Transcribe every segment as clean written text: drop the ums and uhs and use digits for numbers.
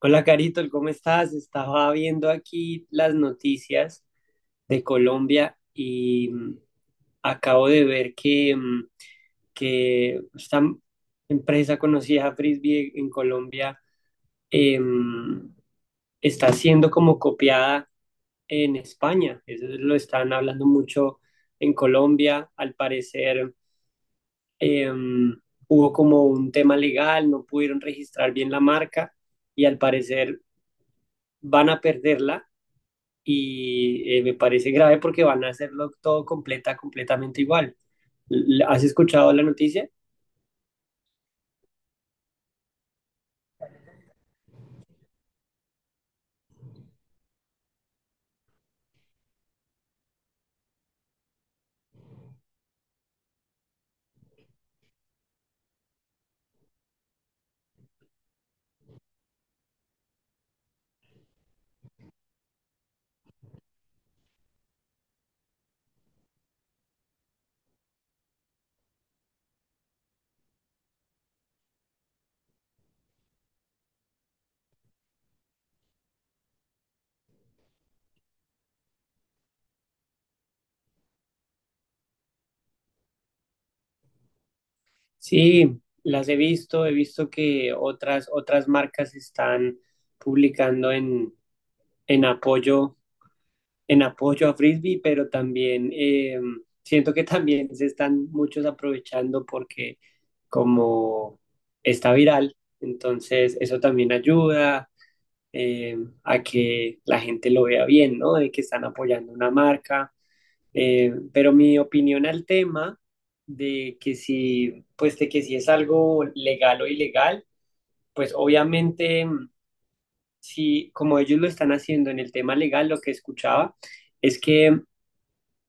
Hola Carito, ¿cómo estás? Estaba viendo aquí las noticias de Colombia y acabo de ver que que esta empresa conocida Frisbee en Colombia, em, está siendo como copiada en España. Eso lo están hablando mucho en Colombia. Al parecer em, hubo como un tema legal, no pudieron registrar bien la marca y al parecer van a perderla y me parece grave porque van a hacerlo todo completamente igual. ¿Has escuchado la noticia? Sí, las he visto que otras marcas están publicando en apoyo, en apoyo a Frisbee, pero también siento que también se están muchos aprovechando porque como está viral, entonces eso también ayuda, eh, a que la gente lo vea bien, ¿no? De que están apoyando una marca. Pero mi opinión al tema de que si, pues de que si es algo legal o ilegal, pues obviamente, si como ellos lo están haciendo en el tema legal, lo que escuchaba es que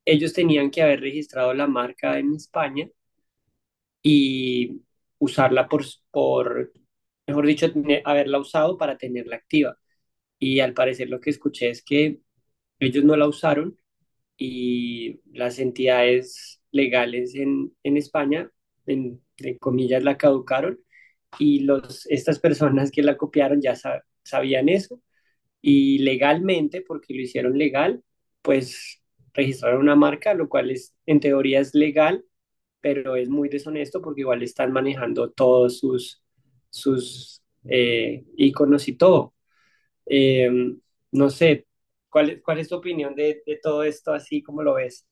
ellos tenían que haber registrado la marca en España y usarla por mejor dicho, haberla usado para tenerla activa. Y al parecer lo que escuché es que ellos no la usaron y las entidades legales en España, entre comillas, la caducaron y estas personas que la copiaron ya sabían eso y legalmente, porque lo hicieron legal, pues registraron una marca, lo cual es, en teoría es legal, pero es muy deshonesto porque igual están manejando todos sus iconos y todo. Eh, no sé, ¿cuál es tu opinión de todo esto así como lo ves?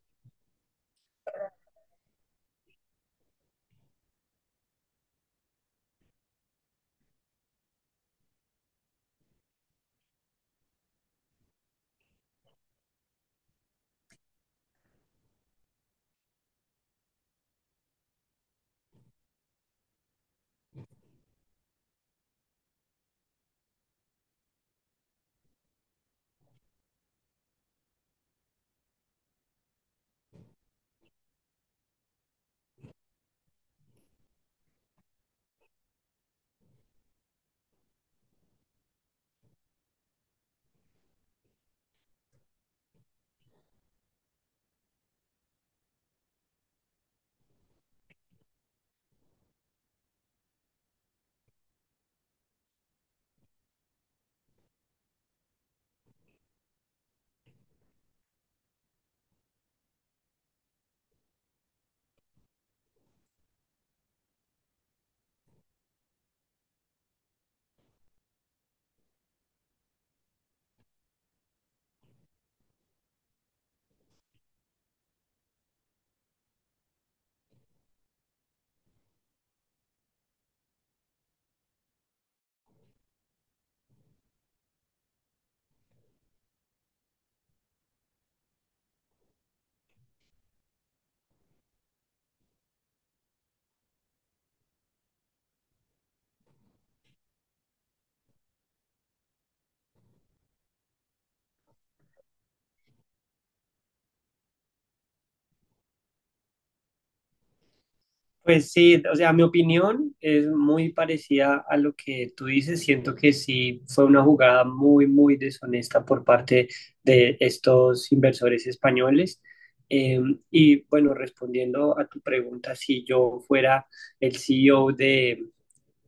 Pues sí, o sea, mi opinión es muy parecida a lo que tú dices. Siento que sí fue una jugada muy deshonesta por parte de estos inversores españoles. Eh, y bueno, respondiendo a tu pregunta, si yo fuera el CEO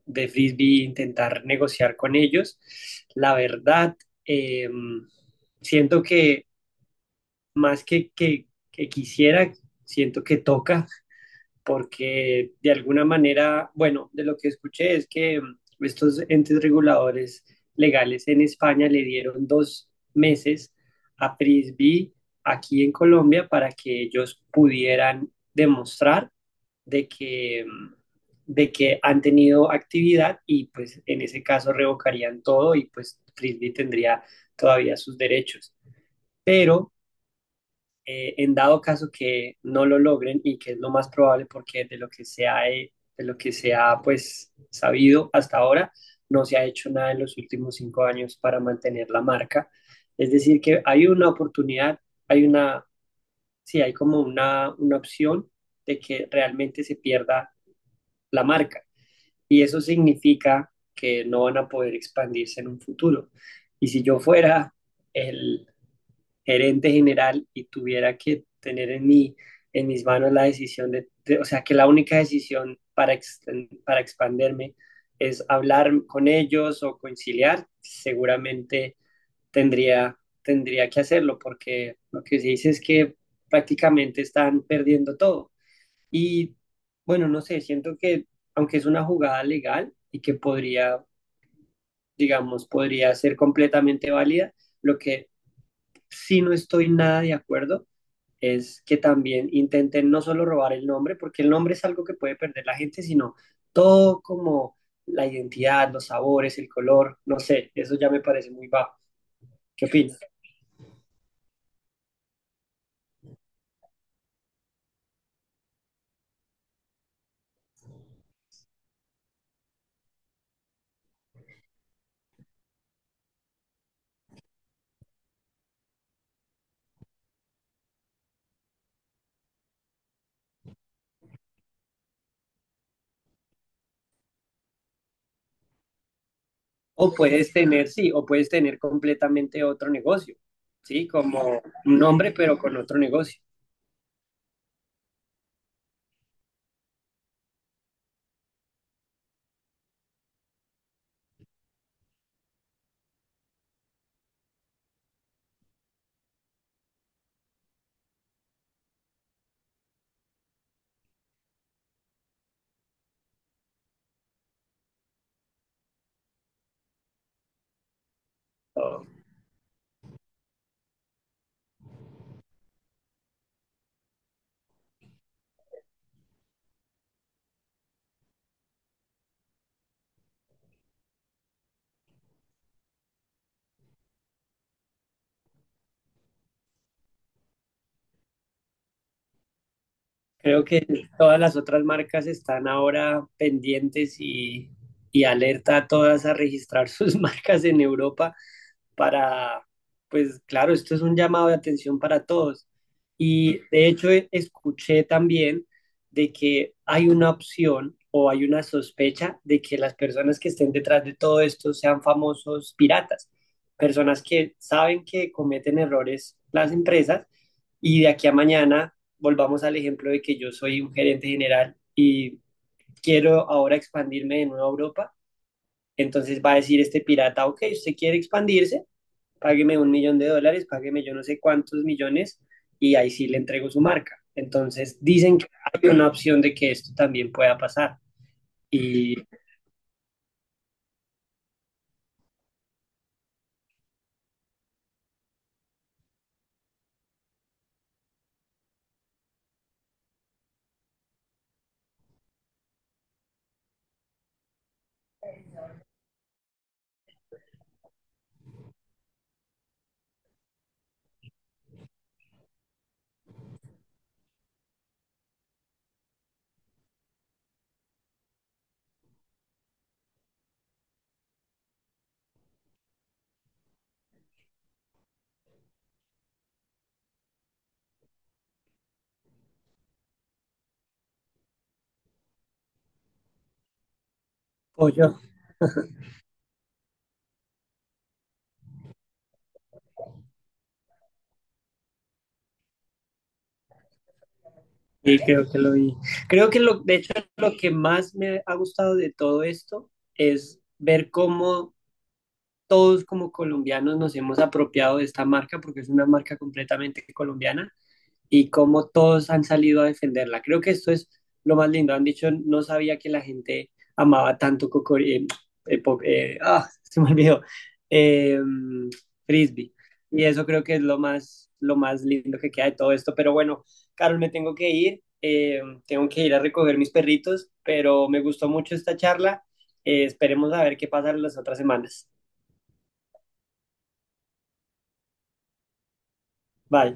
de Frisbee, intentar negociar con ellos, la verdad, eh, siento que más que quisiera, siento que toca, porque de alguna manera, bueno, de lo que escuché es que estos entes reguladores legales en España le dieron dos meses a Prisby aquí en Colombia para que ellos pudieran demostrar de que, mm, de que han tenido actividad y pues en ese caso revocarían todo y pues Frisbee tendría todavía sus derechos. Pero en dado caso que no lo logren y que es lo más probable porque de lo que de lo que se ha pues sabido hasta ahora, no se ha hecho nada en los últimos cinco años para mantener la marca. Es decir, que hay una oportunidad, hay una, sí, hay como una opción de que realmente se pierda la marca y eso significa que no van a poder expandirse en un futuro. Y si yo fuera el, gerente general y tuviera que tener en en mis manos la decisión de o sea, que la única decisión para expanderme es hablar con ellos o conciliar, seguramente tendría, tendría que hacerlo porque lo que se dice es que prácticamente están perdiendo todo. Y bueno, no sé, siento que aunque es una jugada legal y que podría, digamos, podría ser completamente válida, lo que sí no estoy nada de acuerdo es que también intenten no solo robar el nombre, porque el nombre es algo que puede perder la gente, sino todo como la identidad, los sabores, el color, no sé, eso ya me parece muy bajo. ¿Qué opinas? O puedes tener, sí, o puedes tener completamente otro negocio, ¿sí? Como un nombre, pero con otro negocio. Oh, creo que todas las otras marcas están ahora pendientes y alerta a todas a registrar sus marcas en Europa para, pues claro, esto es un llamado de atención para todos. Y de hecho escuché también de que hay una opción o hay una sospecha de que las personas que estén detrás de todo esto sean famosos piratas, personas que saben que cometen errores las empresas y de aquí a mañana volvamos al ejemplo de que yo soy un gerente general y quiero ahora expandirme de nuevo a Europa. Entonces va a decir este pirata, ok, usted quiere expandirse, págueme un millón de dólares, págueme yo no sé cuántos millones y ahí sí le entrego su marca. Entonces dicen que hay una opción de que esto también pueda pasar y o yo y creo que lo vi. Creo que lo, de hecho lo que más me ha gustado de todo esto es ver cómo todos como colombianos nos hemos apropiado de esta marca porque es una marca completamente colombiana y cómo todos han salido a defenderla. Creo que esto es lo más lindo. Han dicho, no sabía que la gente amaba tanto Cocori. Se me olvidó. Eh, Frisbee. Y eso creo que es lo más lindo que queda de todo esto. Pero bueno, Carol, me tengo que ir. Tengo que ir a recoger mis perritos, pero me gustó mucho esta charla. Esperemos a ver qué pasa las otras semanas. Bye.